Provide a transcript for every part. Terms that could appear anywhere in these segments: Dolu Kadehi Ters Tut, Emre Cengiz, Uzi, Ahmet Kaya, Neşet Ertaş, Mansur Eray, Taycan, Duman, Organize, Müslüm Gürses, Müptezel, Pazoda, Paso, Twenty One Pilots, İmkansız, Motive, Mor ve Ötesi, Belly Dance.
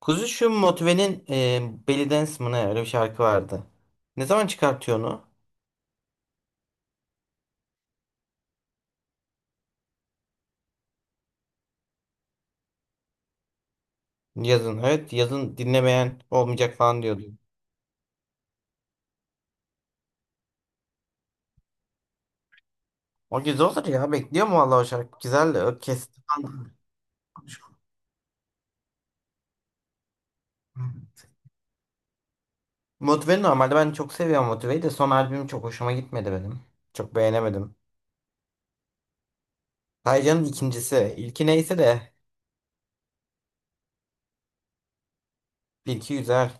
Kuzu, şu Motive'nin Belly Dance mı ne öyle bir şarkı vardı. Ne zaman çıkartıyor onu? Yazın. Evet, yazın dinlemeyen olmayacak falan diyordu. O güzel olur ya. Bekliyorum vallahi o şarkı. Güzel de o kesti falan. Motive'nin normalde ben çok seviyorum, Motive'yi de son albüm çok hoşuma gitmedi benim. Çok beğenemedim. Taycan'ın ikincisi. İlki neyse de ilki güzel.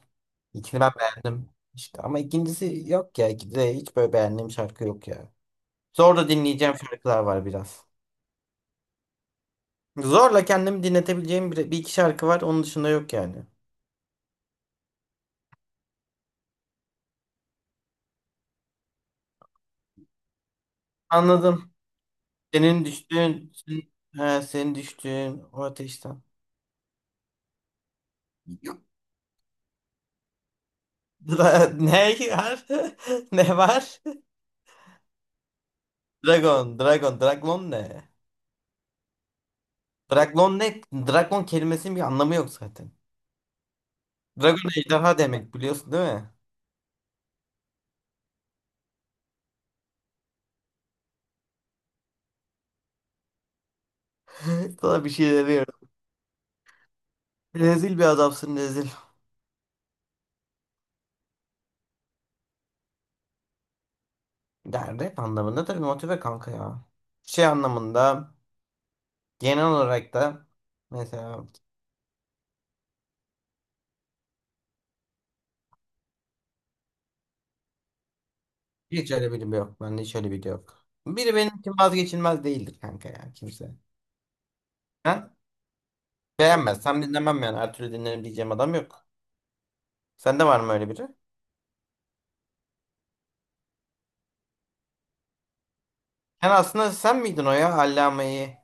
İlkini ben beğendim. İşte ama ikincisi yok ya. İkide hiç böyle beğendiğim şarkı yok ya. Zor da dinleyeceğim şarkılar var biraz. Zorla kendimi dinletebileceğim bir iki şarkı var. Onun dışında yok yani. Anladım. Senin düştüğün, senin, he, senin düştüğün o ateşten. Yok. Ne var? Ne var? Dragon, Dragon, Dragon ne? Dragon ne? Dragon kelimesinin bir anlamı yok zaten. Dragon ejderha demek, biliyorsun değil mi? Sana bir şey veriyorum. Rezil bir adamsın, rezil. Yani rap anlamında tabii, Motive kanka ya. Şey anlamında, genel olarak da, mesela. Hiç öyle biri yok. Bende hiç öyle biri yok. Biri benim için vazgeçilmez değildir kanka ya, kimse. Ha? Beğenmezsem dinlemem yani. Her türlü dinlerim diyeceğim adam yok. Sende var mı öyle biri? Yani aslında sen miydin o ya? Allame'yi.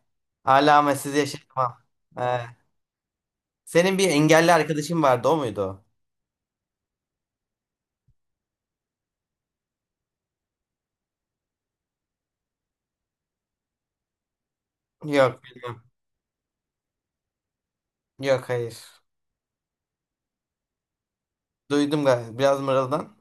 Allamesiz yaşatmam. He. Senin bir engelli arkadaşın vardı, o muydu o? Yok, bilmem. Yok, hayır. Duydum galiba biraz, mırıldan.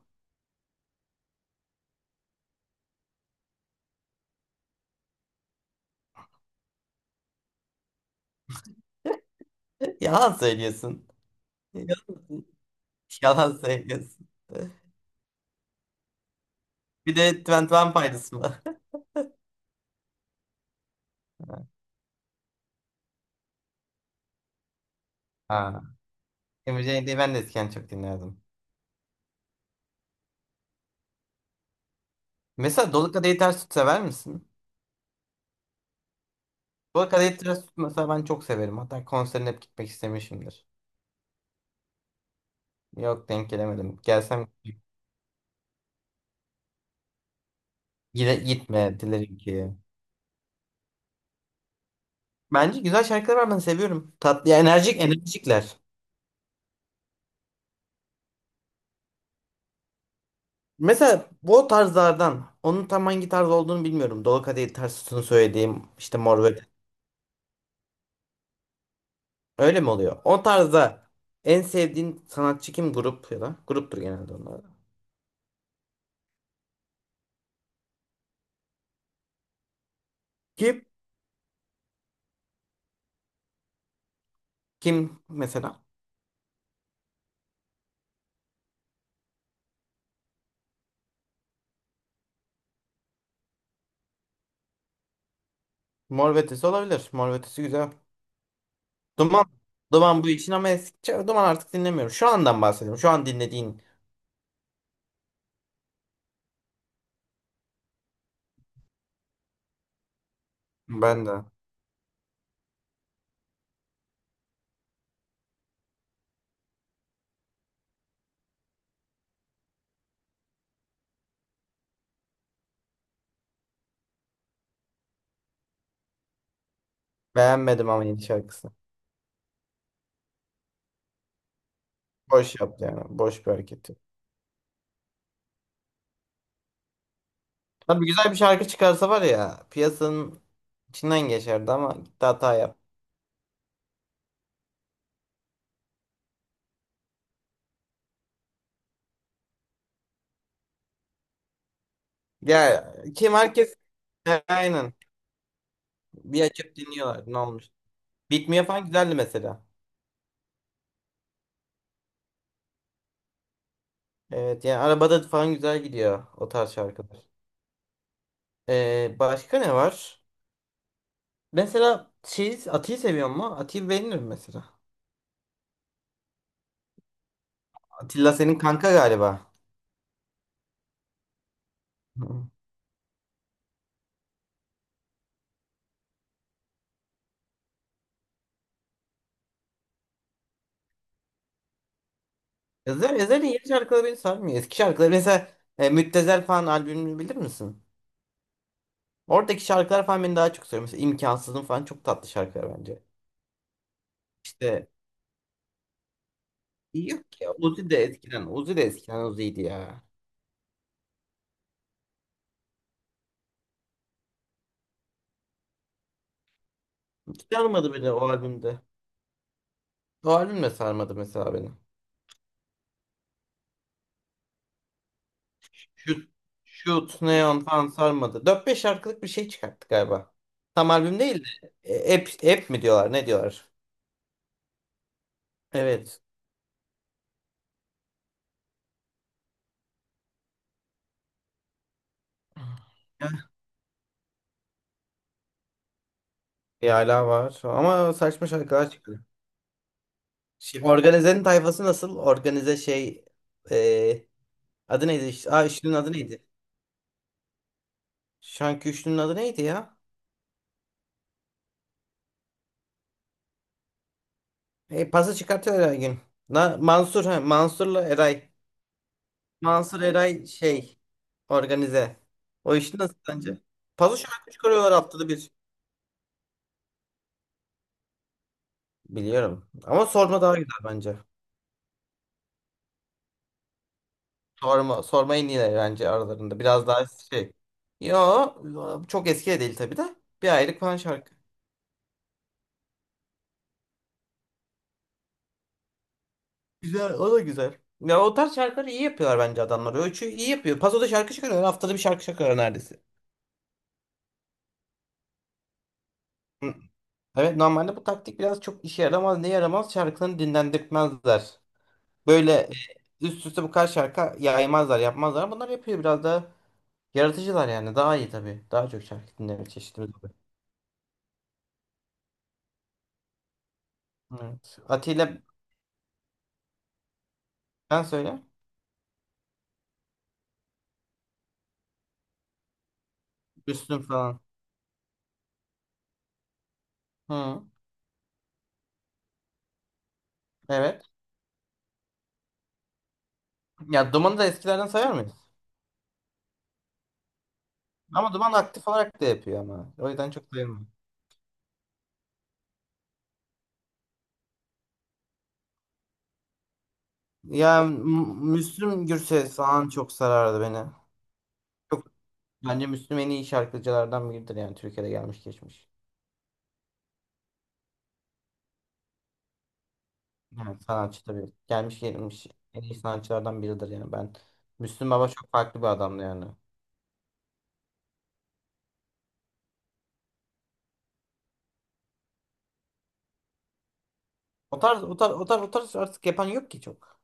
Yalan söylüyorsun. Yalan söylüyorsun. Bir de Twenty One Pilots mı? Ha. Emre Cengiz'i ben de eskiden çok dinlerdim. Mesela Dolu Kadehi Ters Tut sever misin? Dolu Kadehi Ters Tut mesela ben çok severim. Hatta konserine hep gitmek istemişimdir. Yok, denk gelemedim. Gelsem gitme dilerim ki. Bence güzel şarkılar var, ben seviyorum. Tatlı ya, enerjik enerjikler. Mesela bu o tarzlardan, onun tam hangi tarz olduğunu bilmiyorum. Dolu Kadehi Ters Tut'un söylediğim işte, Mor ve. Öyle mi oluyor? O tarzda en sevdiğin sanatçı kim? Grup ya da gruptur genelde onlar da. Kim? Kim mesela? Mor ve Ötesi olabilir. Mor ve Ötesi güzel. Duman, Duman bu için, ama eskiden Duman, artık dinlemiyorum. Şu andan bahsediyorum. Şu an dinlediğin. Ben de. Beğenmedim ama yeni şarkısını. Boş yaptı yani. Boş bir hareketi. Tabii güzel bir şarkı çıkarsa var ya, piyasanın içinden geçerdi ama gitti hata yap. Ya kim, herkes aynen. Bir açıp dinliyorlar. Ne olmuş? Bitmiyor falan güzeldi mesela. Evet yani arabada falan güzel gidiyor o tarz şarkılar. Başka ne var? Mesela şey, Ati'yi seviyor mu? Ati'yi beğenirim mesela. Atilla senin kanka galiba. Yazarın yeni şarkıları beni sarmıyor. Eski şarkıları mesela, Müptezel falan albümünü bilir misin? Oradaki şarkılar falan beni daha çok sarıyor. Mesela İmkansızın falan, çok tatlı şarkılar bence. İşte yok ki. Uzi de eskiden. Uzi de eskiden Uzi'ydi ya. Hiç sarmadı beni o albümde. O albüm de sarmadı mesela beni. Shoot, Shoot, Neon falan sarmadı. Dört beş şarkılık bir şey çıkarttı galiba. Tam albüm değil de. App mi diyorlar, ne diyorlar? Evet. Bir hala var. Ama saçma şarkılar çıkıyor. Şimdi Organize'nin tayfası nasıl? Organize şey, e, adı neydi? Aa, üçlünün adı neydi? Şanki üçlünün adı neydi ya? Pası çıkartıyor her gün. Mansur ha, Mansur'la Eray. Mansur Eray şey, organize. O işi nasıl sence? Paso şarkı çıkarıyorlar haftada bir. Biliyorum. Ama sorma daha güzel bence. Sorma, sorma en iyileri bence aralarında. Biraz daha şey. Yo, çok eski de değil tabii de. Bir aylık falan şarkı. Güzel, o da güzel. Ya o tarz şarkıları iyi yapıyorlar bence adamlar. Ölçü iyi yapıyor. Pazoda şarkı çıkarıyorlar. Haftada bir şarkı çıkarıyor neredeyse. Hı. Evet, normalde bu taktik biraz çok işe yaramaz. Ne yaramaz? Şarkılarını dinlendirtmezler. Böyle üst üste bu kadar şarkı yaymazlar, yapmazlar. Bunlar yapıyor, biraz daha yaratıcılar yani. Daha iyi tabii. Daha çok şarkı dinleme çeşitimiz oluyor. Evet. Atilla, ben söyle. Üstün falan. Hı. Evet. Ya Duman'ı da eskilerden sayar mıyız? Ama Duman aktif olarak da yapıyor ama. O yüzden çok sayılmaz. Yani Müslüm Gürses falan çok sarardı beni. Çok, bence Müslüm en iyi şarkıcılardan biridir yani Türkiye'de gelmiş geçmiş. Yani sanatçı tabii. Gelmiş en iyi sanatçılardan biridir yani ben. Müslüm Baba çok farklı bir adamdı yani. O tarz, o tarz, o tarz, o tarz artık yapan yok ki çok.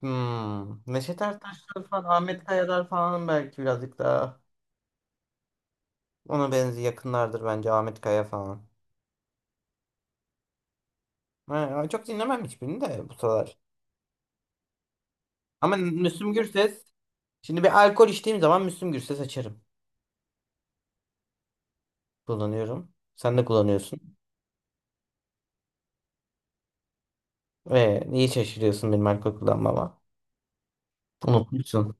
Hmm. Neşet Ertaş'lar falan, Ahmet Kaya'lar falan belki birazcık daha ona benzi, yakınlardır bence Ahmet Kaya falan. Ha, çok dinlemem hiçbirini de bu sıralar. Ama Müslüm Gürses, şimdi bir alkol içtiğim zaman Müslüm Gürses açarım. Kullanıyorum. Sen de kullanıyorsun. Ve niye şaşırıyorsun benim alkol kullanmama? Unutmuşsun.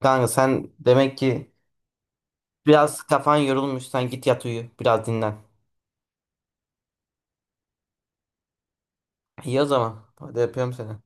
Kanka sen demek ki biraz kafan yorulmuş. Sen git yat, uyu. Biraz dinlen. İyi o zaman. Hadi, öpüyorum seni.